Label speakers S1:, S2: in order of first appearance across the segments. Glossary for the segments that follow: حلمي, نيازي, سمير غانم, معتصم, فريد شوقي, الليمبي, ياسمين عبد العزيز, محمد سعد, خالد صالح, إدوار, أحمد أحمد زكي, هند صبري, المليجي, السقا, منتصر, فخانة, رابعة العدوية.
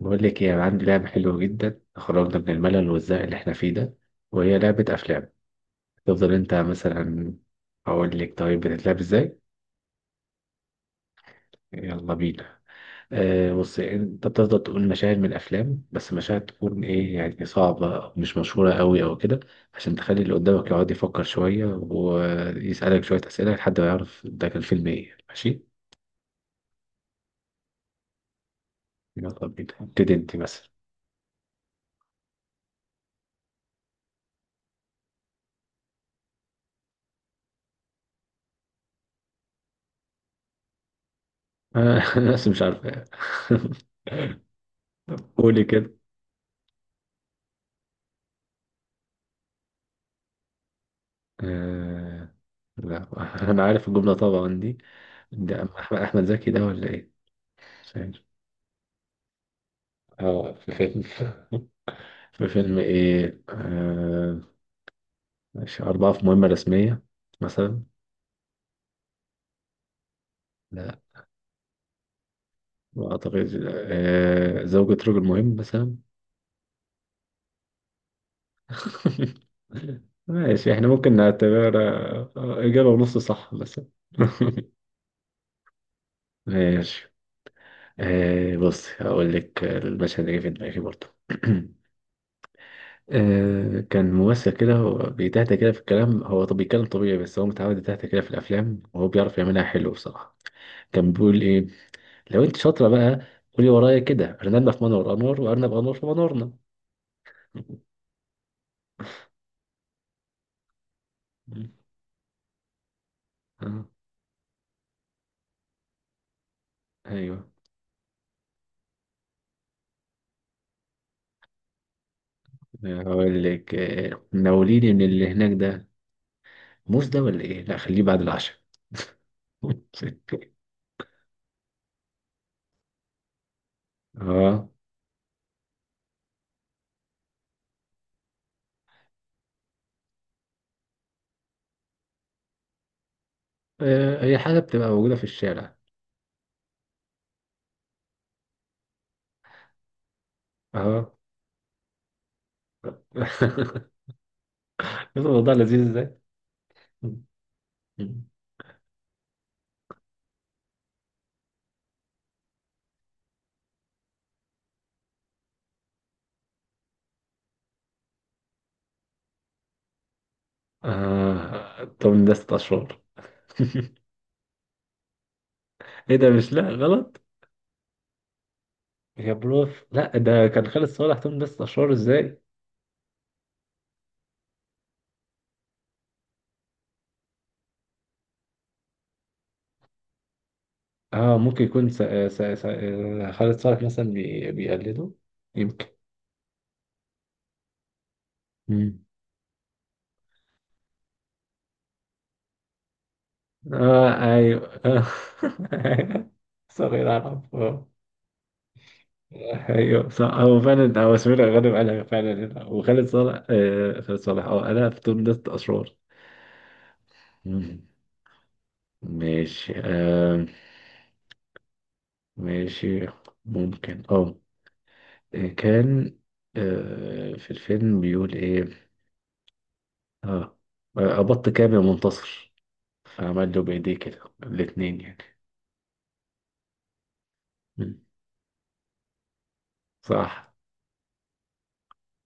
S1: بقول لك ايه، أنا عندي لعبة حلوة جدا، خرجنا من الملل والزهق اللي احنا فيه ده. وهي لعبة أفلام. تفضل انت مثلا. أقول لك طيب بتتلعب ازاي؟ يلا بينا. بص، انت بتفضل تقول مشاهد من الأفلام، بس مشاهد تكون ايه يعني، صعبة أو مش مشهورة قوي أو كده، عشان تخلي اللي قدامك يقعد يفكر شوية ويسألك شوية أسئلة لحد ما يعرف ده كان فيلم ايه. ماشي، يلا بينا، ابتدي انت مثلا. آه، بس مش عارفة. قولي. آه... لا. انا عارف الجمله طبعا دي. ده أما احمد أحمد زكي ده ولا ايه؟ مش عارف. اه، في فيلم، في فيلم ايه، مش اربعه في مهمه رسميه مثلا؟ لا، ما اعتقدش. زوجة رجل مهم مثلا؟ ماشي، احنا ممكن نعتبرها اجابه ونص صح مثلا. ماشي. بص، هقول لك المشهد اللي جه في دماغي برضه. كان ممثل كده هو بيتهته كده في الكلام، هو طب بيتكلم طبيعي بس هو متعود يتهته كده في الافلام، وهو بيعرف يعملها حلو بصراحه. كان بيقول ايه؟ لو انت شاطره بقى، قولي ورايا كده: ارنبنا في منور انور وارنب انور في منورنا. آه، ايوه. هقول لك، ناوليني من اللي هناك ده، موز ده ولا ايه؟ لا خليه بعد العشاء. اه، هي حاجه بتبقى موجوده في الشارع. اه. الموضوع لذيذ. ازاي؟ توم ده ست أشهر. إيه ده؟ مش، لا غلط. يا بروف، لا ده كان خالد صالح، توم ده ست أشهر إزاي؟ آه ممكن يكون س... س... س... آه، خالد صالح مثلا بيقلده، يمكن. مم. آه أيوه آه. صغير أعرف آه. ايوه صح، هو فعلا هو سمير غانم قالها فعلا هنا، وخالد صالح، آه خالد صالح اه قالها في توم ده اشرار. مم. ماشي. آه ماشي. ممكن اه. آه، كان آه، في الفيلم بيقول ايه؟ اه، ابط كام يا منتصر، فعمل له بايديه كده الاتنين يعني. مم. صح.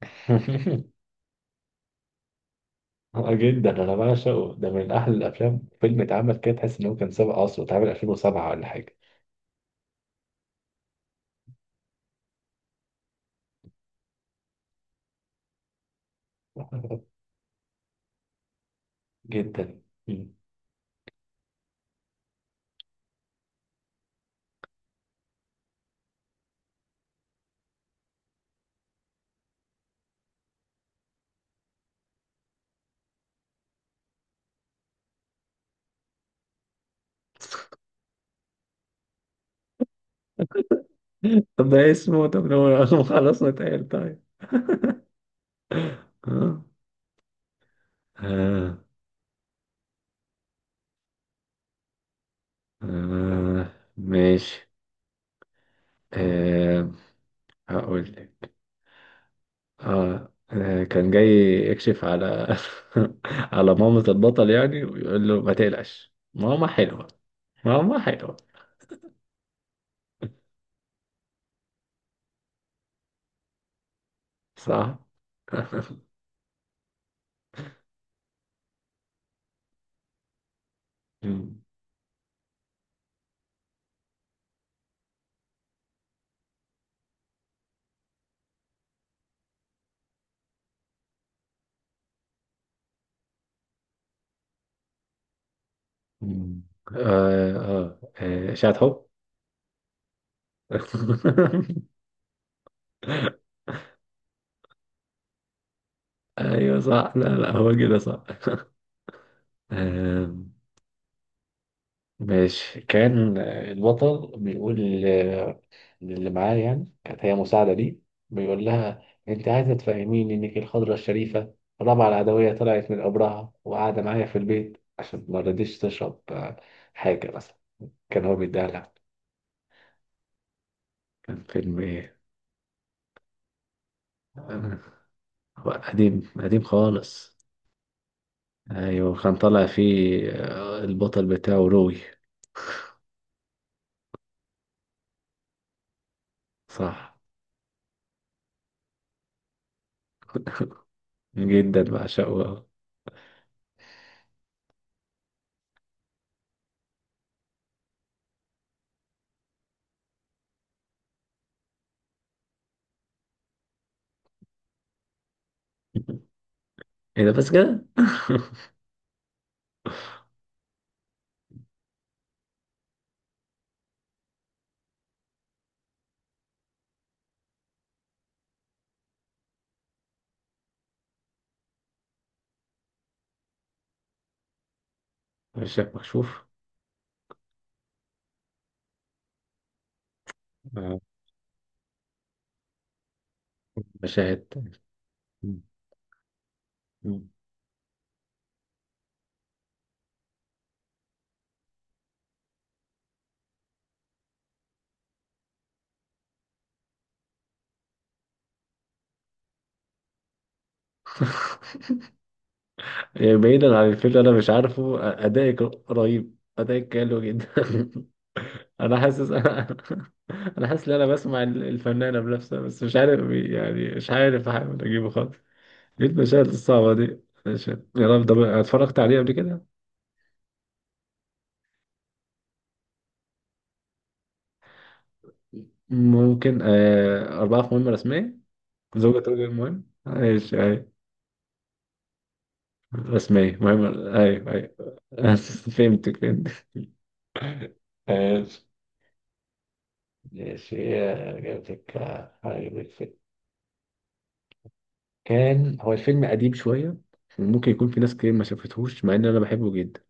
S1: جدا انا بعشقه، ده من احلى الافلام. فيلم اتعمل كده تحس ان هو كان سابق عصره، اتعمل 2007 ولا حاجه. جدا. مم. طب ده اسمه، طب لو لو خلصنا اتقال، طيب. اه. اه. آه، ماشي. آه، هقول لك. اه، كان جاي يكشف على، على مامة البطل يعني، ويقول له ما تقلقش ماما حلوة، ماما حلوة. صح. مم. مم. إشاعة حب. أيوة صح، لا لا هو كده صح. آه ماشي. كان البطل بيقول، اللي معاه يعني كانت هي مساعدة ليه، بيقول لها: انت عايزة تفهميني انك الخضرة الشريفة، رابعة العدوية طلعت من قبرها وقاعدة معايا في البيت عشان ما رضيتش تشرب حاجة مثلا، كان هو بيديها لها. كان فيلم ايه؟ آه، هو قديم قديم خالص. ايوه كان طالع فيه البطل بتاعه روي. صح. جدا بعشقه. ايه ده بس كده! مش مكشوف. آه، مشاهد. يعني بعيدا عن الفيلم، انا مش عارفه، ادائك رهيب، ادائك حلو جدا. انا حاسس، انا حاسس ان انا بسمع الفنانه بنفسها، بس مش عارف يعني، مش عارف احاول اجيبه خالص. ليه المشاهد الصعبه دي؟ ماشي. يا رب، ده بقى اتفرجت عليه قبل كده. ممكن آه أربعة في مهمة رسمية، زوجة رجل مهم، ماشي أيوة. رسمية مهمة. أيوة أيوة. فهمتك فهمتك. ماشي. ماشي، جبتك، عجبك. كان هو الفيلم قديم شوية، ممكن يكون في ناس كتير ما شافتهوش، مع ان انا بحبه جدا.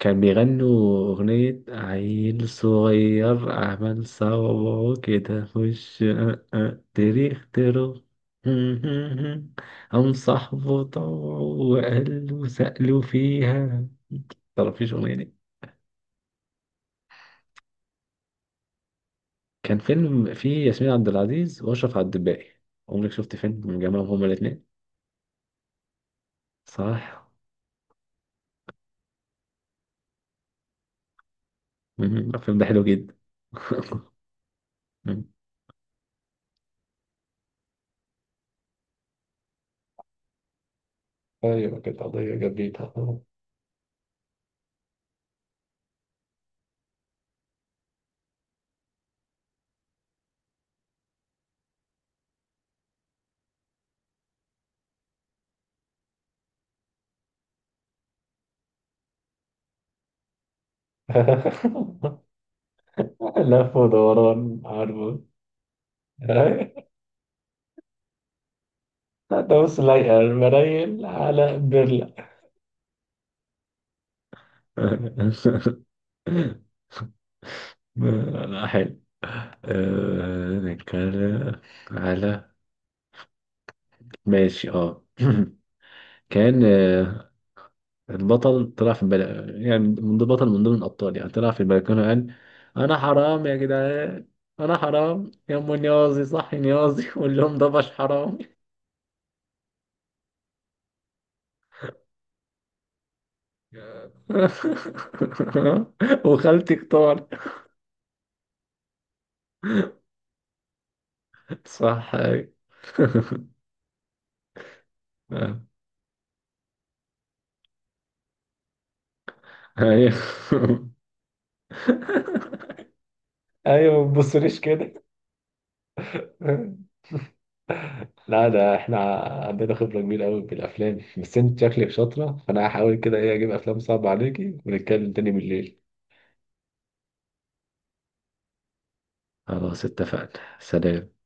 S1: كان بيغنوا اغنية: عيل صغير عمل صوابعه كده خش أه أه تاريخ ترو، هم صاحبه طوعه وقلبه سألوا فيها. متعرفيش الأغنية دي؟ كان فيلم فيه ياسمين عبد العزيز وأشرف عبد الباقي، عمرك شفت فيلم من جمعهم هما الاتنين؟ صح. مم. الفيلم ده حلو جدا. ايوه كانت قضية جديدة. لف ودوران، عارفه. انت بص لايقة المرايل على برلة. لا حلو. أه نتكلم على. ماشي اه. كان، آه، البطل طلع في البل... يعني من ضمن بطل، من ضمن الأبطال يعني، طلع في البلكونة قال: أنا حرام يا جدعان، أنا حرام يا أم نيازي، صحي نيازي قول لهم ده مش حرام. وخالتي اختار. صح ايوه. ايوه. ايوه ما تبصليش كده. لا ده احنا عندنا خبرة كبيرة قوي بالافلام، بس انت شكلك شاطرة، فانا هحاول كده ايه، اجيب افلام صعبة عليكي ونتكلم تاني بالليل. خلاص اتفقنا، سلام.